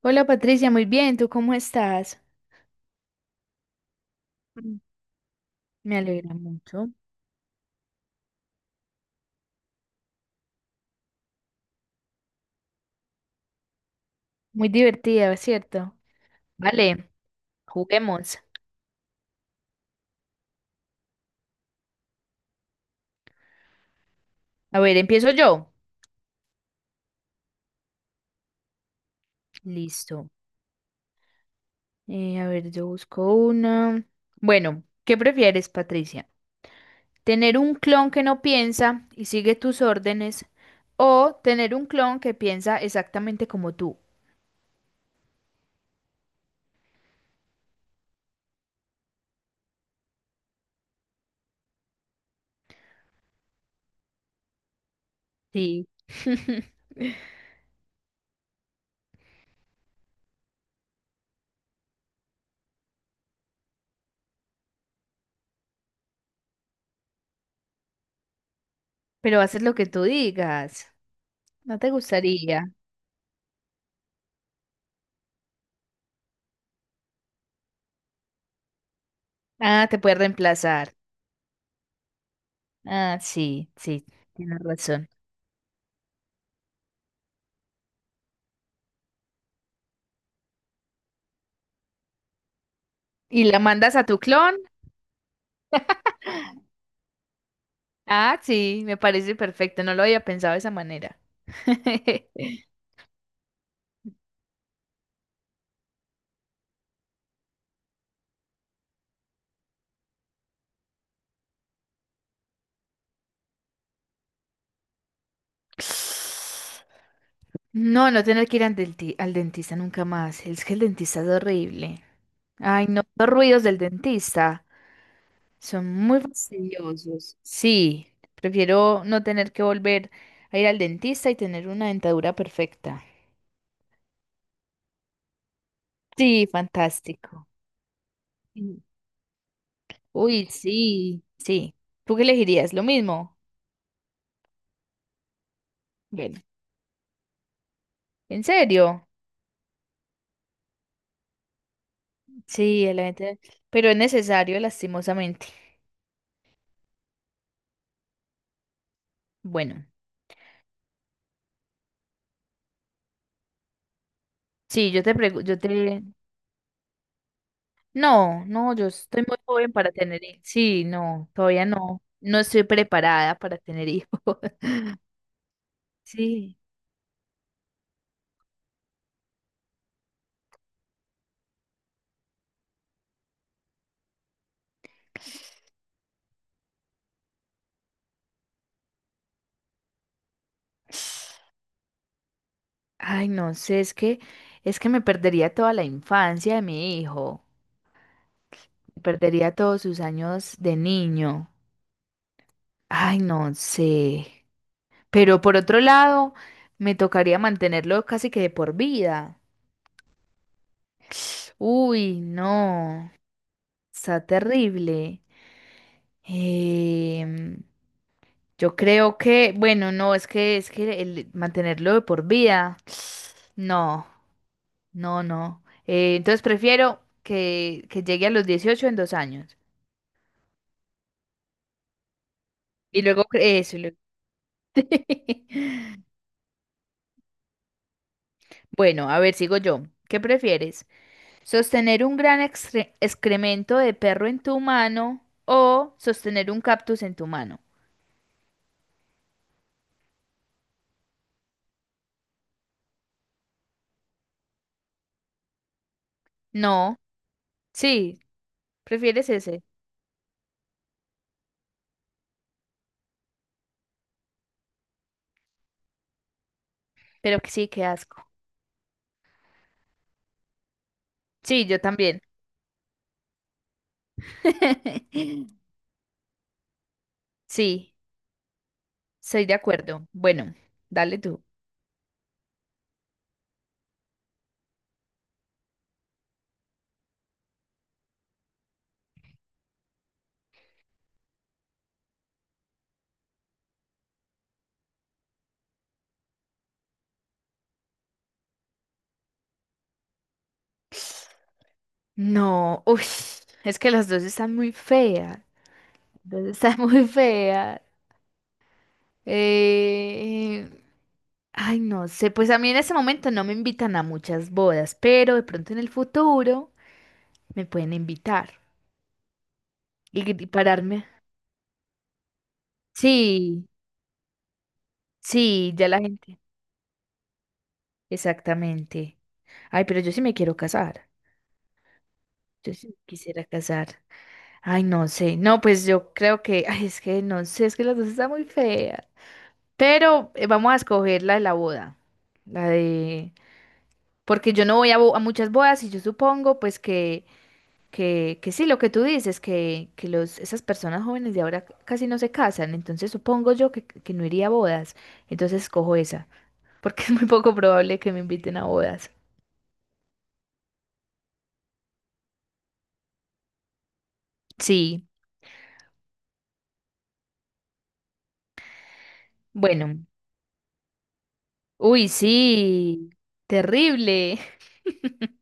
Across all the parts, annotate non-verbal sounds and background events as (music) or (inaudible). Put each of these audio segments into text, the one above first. Hola Patricia, muy bien, ¿tú cómo estás? Mm. Me alegra mucho. Muy divertida, ¿cierto? Vale, juguemos. A ver, empiezo yo. Listo. A ver, yo busco una. Bueno, ¿qué prefieres, Patricia? ¿Tener un clon que no piensa y sigue tus órdenes o tener un clon que piensa exactamente como tú? Sí. (laughs) Pero haces lo que tú digas. ¿No te gustaría? Ah, te puede reemplazar. Ah, sí, sí, tienes razón. Y la mandas a tu clon. Ah, sí, me parece perfecto. No lo había pensado de esa manera. (laughs) No, no tener que ir al, al dentista nunca más. Es que el dentista es horrible. Ay, no, los ruidos del dentista son muy fastidiosos. Sí, prefiero no tener que volver a ir al dentista y tener una dentadura perfecta. Sí, fantástico. Uy, sí, sí. ¿Tú qué elegirías? ¿Lo mismo? Bueno, ¿en serio? Sí, el evento, pero es necesario, lastimosamente. Bueno, sí, yo te pregunto, yo te... No, no, yo estoy muy joven para tener hijos. Sí, no, todavía no. No estoy preparada para tener hijos. (laughs) Sí. Ay, no sé, es que me perdería toda la infancia de mi hijo. Me perdería todos sus años de niño. Ay, no sé. Pero por otro lado, me tocaría mantenerlo casi que de por vida. Uy, no, está terrible. Em, yo creo que, bueno, no, es que el mantenerlo de por vida, (sniffs) no, no. Entonces prefiero que llegue a los 18 en 2 años. Y luego, eso. Y luego. (laughs) Bueno, a ver, sigo yo. ¿Qué prefieres? Sostener un gran excremento de perro en tu mano o sostener un cactus en tu mano. No, sí, prefieres ese, pero que sí, qué asco. Sí, yo también. (laughs) Sí, estoy de acuerdo. Bueno, dale tú. No, uy, es que las dos están muy feas. Las dos están (laughs) muy feas. Eh, Ay, no sé, pues a mí en ese momento no me invitan a muchas bodas, pero de pronto en el futuro. Me pueden invitar y pararme. Sí, sí, ya la gente. Exactamente. Ay, pero yo sí me quiero casar. Yo sí me quisiera casar. Ay, no sé. No, pues yo creo que, ay, es que no sé, es que las dos están muy feas. Pero vamos a escoger la de la boda. La de... Porque yo no voy a muchas bodas y yo supongo pues que sí, lo que tú dices, que los, esas personas jóvenes de ahora casi no se casan, entonces supongo yo que no iría a bodas, entonces escojo esa, porque (laughs) es muy poco probable que me inviten a bodas. Sí, bueno, uy, sí, terrible. (laughs)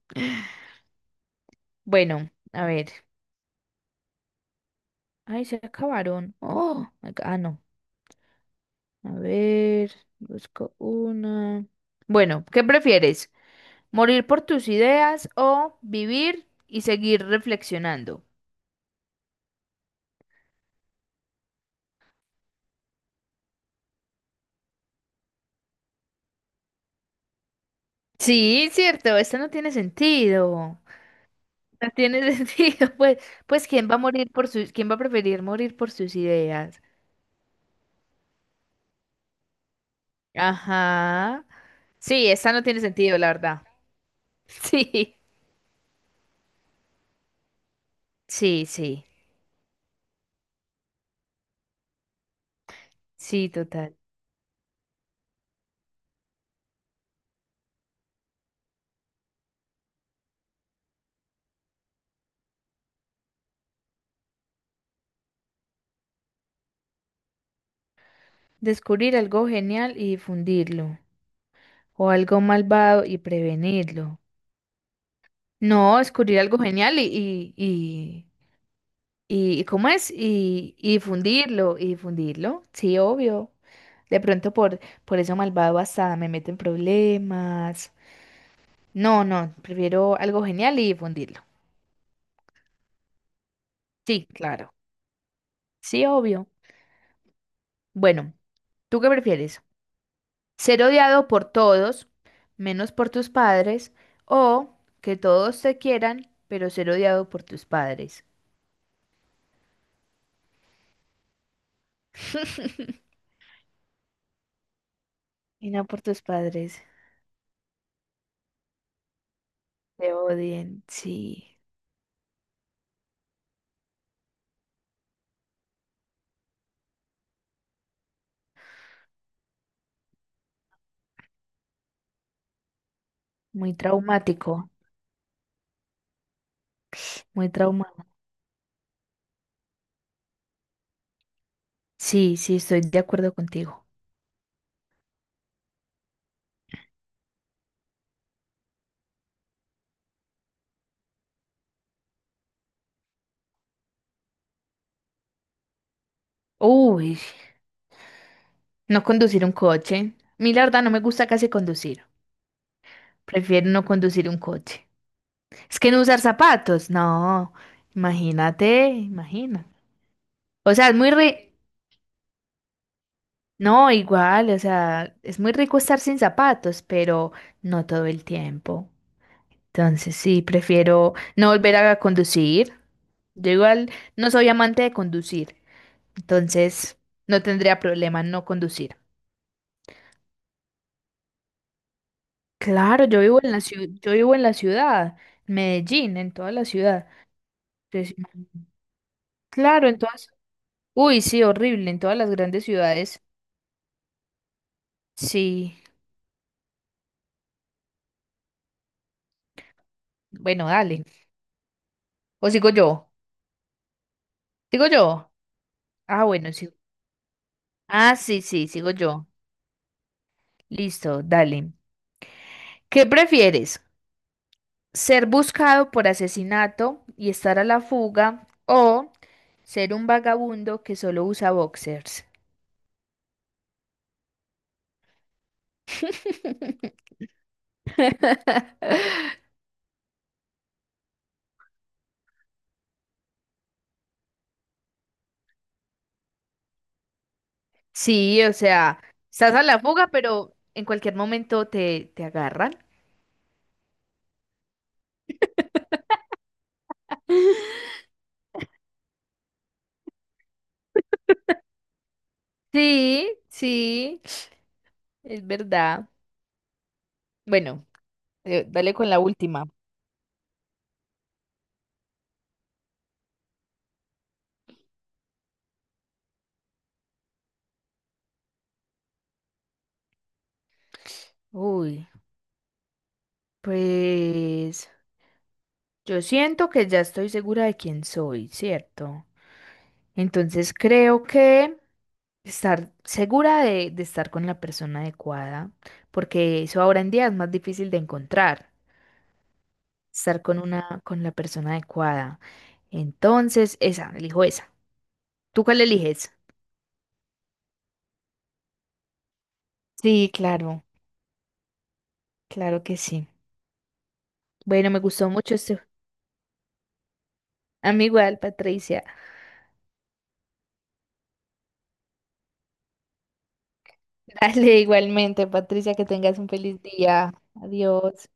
Bueno, a ver, ay, se acabaron. Oh, my ah, no, a ver, busco una. Bueno, ¿qué prefieres? ¿Morir por tus ideas o vivir y seguir reflexionando? Sí, cierto, esto no tiene sentido. No tiene (laughs) sentido. Pues, ¿quién va a morir por sus, quién va a preferir morir por sus ideas? Ajá. Sí, esta no tiene sentido, la verdad. (laughs) Sí, sí, sí. Sí, total. Descubrir algo genial y difundirlo. O algo malvado y prevenirlo. No, descubrir algo genial y ¿Y cómo es? Difundirlo, y difundirlo, sí, obvio. De pronto por eso malvado hasta me meto en problemas. No, no, prefiero algo genial y difundirlo. Sí, claro, sí, obvio. Bueno, ¿tú qué prefieres? ¿Ser odiado por todos, menos por tus padres, o que todos te quieran, pero ser odiado por tus padres? (laughs) Y no por tus padres, te odien, sí, muy traumático. Muy traumada. Sí, sí, estoy de acuerdo contigo. Uy, no conducir un coche. Mi la verdad no me gusta casi conducir. Prefiero no conducir un coche. Es que no usar zapatos, no. Imagínate, imagina. O sea, es muy ri-. No, igual, o sea, es muy rico estar sin zapatos, pero no todo el tiempo. Entonces sí, prefiero no volver a conducir. Yo igual no soy amante de conducir, entonces no tendría problema en no conducir. Claro, yo vivo en la ciudad, en Medellín, en toda la ciudad. Entonces, claro, en todas. Uy, sí, horrible, en todas las grandes ciudades. Sí, bueno, dale. O sigo yo. Sigo yo. Ah, bueno, sí. Ah, sí, sí, sigo yo. Listo, dale. ¿Qué prefieres? ¿Ser buscado por asesinato y estar a la fuga o ser un vagabundo que solo usa boxers? (laughs) Sí, o sea, estás a la fuga, pero en cualquier momento te agarran. (laughs) Sí, sí, es verdad. Bueno, dale con la última. Uy, pues yo siento que ya estoy segura de quién soy, ¿cierto? Entonces creo que estar segura de estar con la persona adecuada, porque eso ahora en día es más difícil de encontrar, estar con la persona adecuada. Entonces, esa, elijo esa. ¿Tú cuál eliges? Sí, claro, claro que sí. Bueno, me gustó mucho este. A mí igual, Patricia. Dale (laughs) igualmente, Patricia, que tengas un feliz día. Adiós.